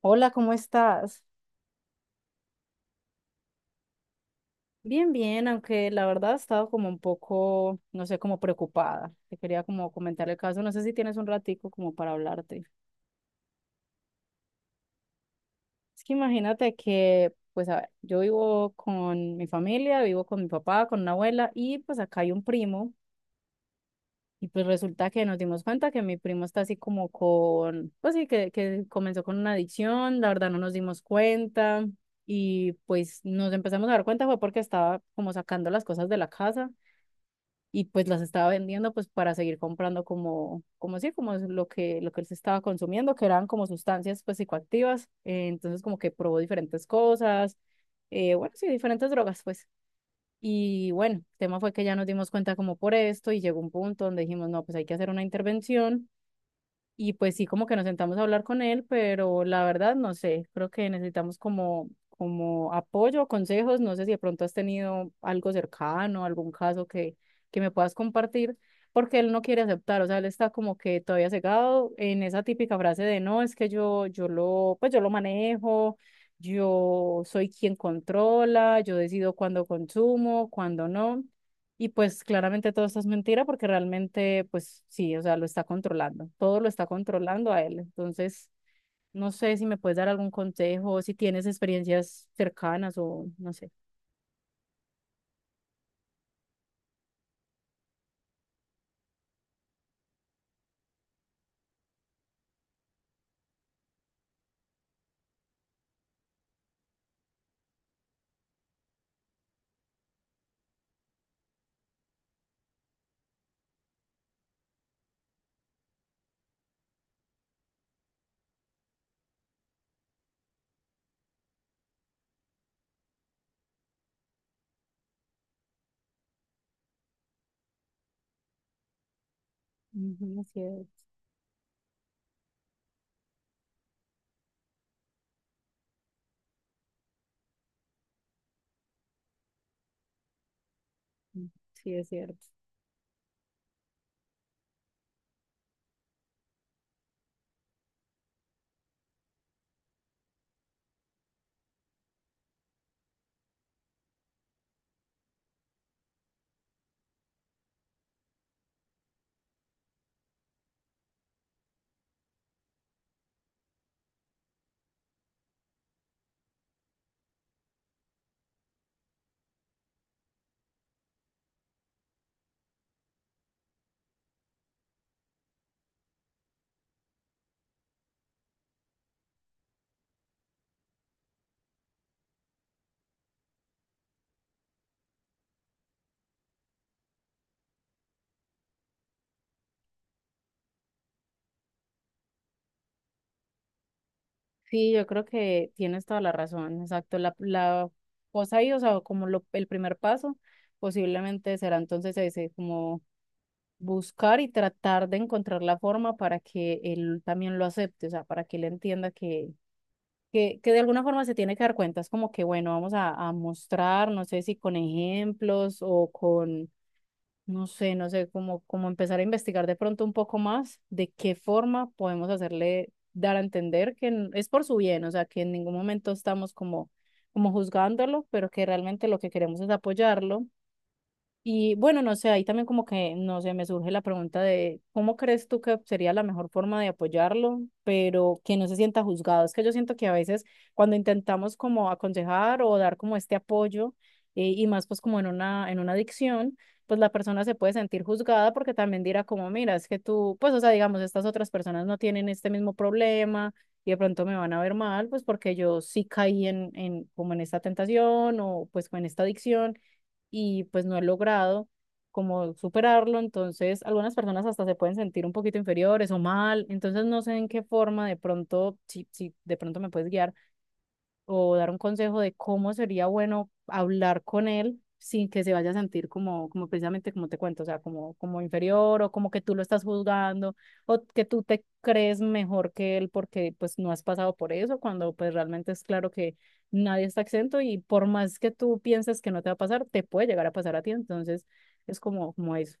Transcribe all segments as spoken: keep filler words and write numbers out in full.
Hola, ¿cómo estás? Bien, bien, aunque la verdad he estado como un poco, no sé, como preocupada. Te quería como comentar el caso, no sé si tienes un ratico como para hablarte. Es que imagínate que, pues, a ver, yo vivo con mi familia, vivo con mi papá, con una abuela y pues acá hay un primo y pues resulta que nos dimos cuenta que mi primo está así como con, pues sí, que, que comenzó con una adicción, la verdad no nos dimos cuenta y pues nos empezamos a dar cuenta fue porque estaba como sacando las cosas de la casa y pues las estaba vendiendo pues para seguir comprando como, como sí, como lo que, lo que él se estaba consumiendo, que eran como sustancias pues psicoactivas, eh, entonces como que probó diferentes cosas, eh, bueno, sí, diferentes drogas pues. Y bueno, el tema fue que ya nos dimos cuenta como por esto y llegó un punto donde dijimos, no, pues hay que hacer una intervención y pues sí, como que nos sentamos a hablar con él, pero la verdad no sé, creo que necesitamos como, como apoyo, consejos, no sé si de pronto has tenido algo cercano, algún caso que, que me puedas compartir, porque él no quiere aceptar, o sea, él está como que todavía cegado en esa típica frase de no, es que yo, yo lo, pues yo lo manejo, yo soy quien controla, yo decido cuándo consumo, cuándo no. Y pues claramente todo esto es mentira porque realmente, pues sí, o sea, lo está controlando, todo lo está controlando a él. Entonces, no sé si me puedes dar algún consejo, si tienes experiencias cercanas o no sé. Ujú, sí es, mm, sí es cierto. Sí, yo creo que tienes toda la razón, exacto. La, la cosa ahí, o sea, como lo, el primer paso, posiblemente será entonces ese, como buscar y tratar de encontrar la forma para que él también lo acepte, o sea, para que él entienda que que, que de alguna forma se tiene que dar cuenta, es como que, bueno, vamos a, a mostrar, no sé si con ejemplos o con, no sé, no sé, como, como empezar a investigar de pronto un poco más de qué forma podemos hacerle dar a entender que n- es por su bien, o sea, que en ningún momento estamos como, como juzgándolo, pero que realmente lo que queremos es apoyarlo y bueno, no sé, ahí también como que, no sé, me surge la pregunta de cómo crees tú que sería la mejor forma de apoyarlo, pero que no se sienta juzgado. Es que yo siento que a veces cuando intentamos como aconsejar o dar como este apoyo, eh, y más pues como en una, en una adicción, pues la persona se puede sentir juzgada porque también dirá como, mira, es que tú, pues o sea, digamos, estas otras personas no tienen este mismo problema y de pronto me van a ver mal, pues porque yo sí caí en, en como en esta tentación o pues en esta adicción y pues no he logrado como superarlo, entonces algunas personas hasta se pueden sentir un poquito inferiores o mal, entonces no sé en qué forma de pronto, si, si de pronto me puedes guiar o dar un consejo de cómo sería bueno hablar con él sin que se vaya a sentir como, como precisamente como te cuento, o sea, como, como inferior o como que tú lo estás juzgando o que tú te crees mejor que él porque pues no has pasado por eso, cuando pues realmente es claro que nadie está exento y por más que tú pienses que no te va a pasar, te puede llegar a pasar a ti, entonces es como, como eso.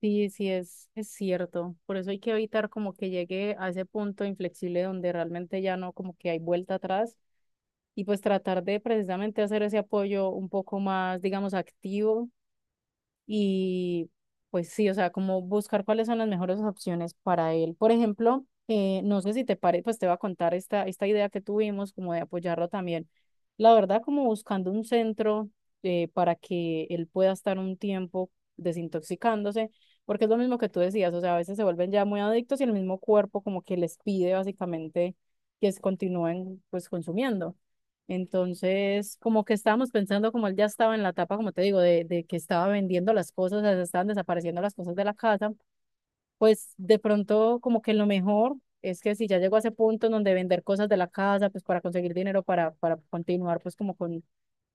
Sí, sí, es, es cierto. Por eso hay que evitar como que llegue a ese punto inflexible donde realmente ya no como que hay vuelta atrás y pues tratar de precisamente hacer ese apoyo un poco más, digamos, activo y pues sí, o sea, como buscar cuáles son las mejores opciones para él. Por ejemplo, eh, no sé si te parece, pues te voy a contar esta, esta idea que tuvimos como de apoyarlo también. La verdad, como buscando un centro eh, para que él pueda estar un tiempo desintoxicándose, porque es lo mismo que tú decías, o sea, a veces se vuelven ya muy adictos y el mismo cuerpo como que les pide básicamente que se continúen pues consumiendo. Entonces, como que estábamos pensando, como él ya estaba en la etapa, como te digo, de, de que estaba vendiendo las cosas, o sea, se estaban desapareciendo las cosas de la casa, pues de pronto como que lo mejor es que si ya llegó a ese punto en donde vender cosas de la casa, pues para conseguir dinero para, para continuar pues como con,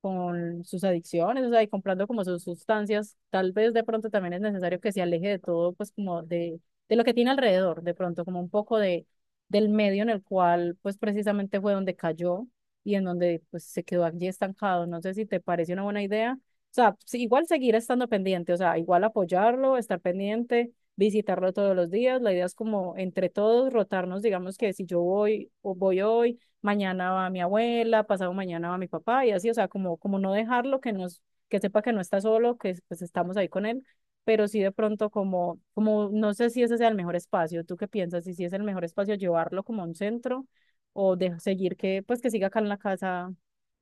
con sus adicciones, o sea, y comprando como sus sustancias, tal vez de pronto también es necesario que se aleje de todo, pues como de, de lo que tiene alrededor, de pronto como un poco de, del medio en el cual pues precisamente fue donde cayó y en donde pues se quedó allí estancado. No sé si te parece una buena idea. O sea, sí, igual seguir estando pendiente, o sea, igual apoyarlo, estar pendiente visitarlo todos los días. La idea es como entre todos rotarnos, digamos que si yo voy o voy hoy, mañana va mi abuela, pasado mañana va mi papá y así, o sea, como, como no dejarlo, que nos, que sepa que no está solo, que pues estamos ahí con él, pero sí de pronto como, como no sé si ese sea el mejor espacio. ¿Tú qué piensas? Y si es el mejor espacio llevarlo como a un centro o de seguir que pues que siga acá en la casa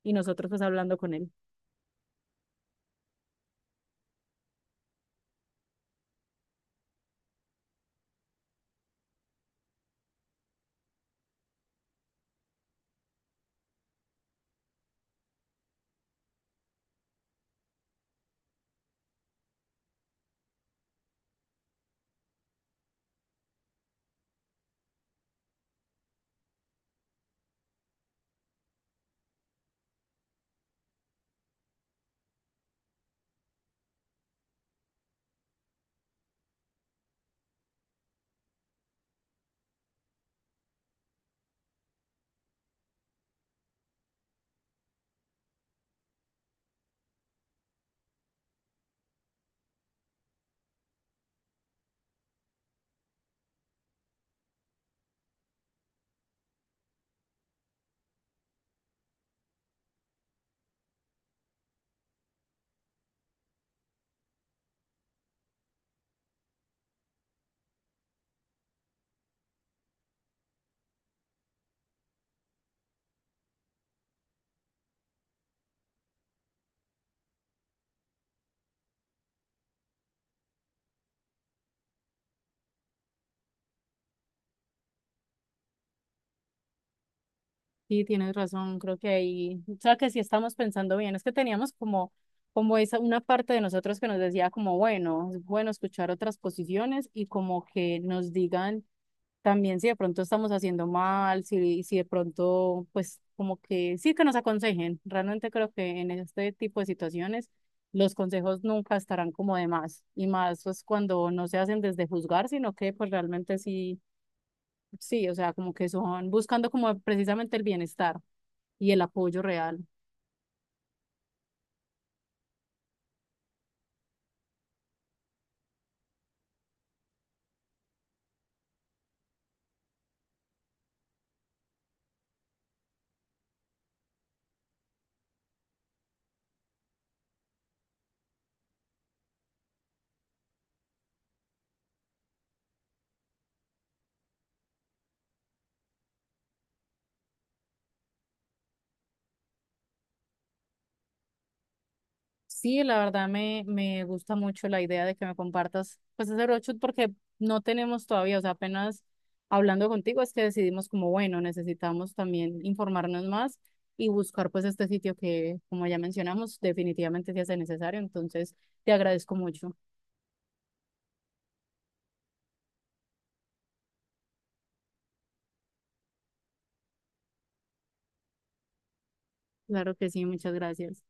y nosotros pues hablando con él. Sí, tienes razón, creo que ahí, o sea, que sí estamos pensando bien, es que teníamos como, como esa, una parte de nosotros que nos decía como, bueno, es bueno escuchar otras posiciones y como que nos digan también si de pronto estamos haciendo mal, si, si de pronto, pues como que sí que nos aconsejen, realmente creo que en este tipo de situaciones los consejos nunca estarán como de más, y más pues cuando no se hacen desde juzgar, sino que pues realmente sí, sí, o sea, como que son buscando como precisamente el bienestar y el apoyo real. Sí, la verdad me, me gusta mucho la idea de que me compartas pues ese roadshoot porque no tenemos todavía, o sea, apenas hablando contigo es que decidimos como, bueno, necesitamos también informarnos más y buscar pues este sitio que, como ya mencionamos, definitivamente se hace necesario. Entonces, te agradezco mucho. Claro que sí, muchas gracias.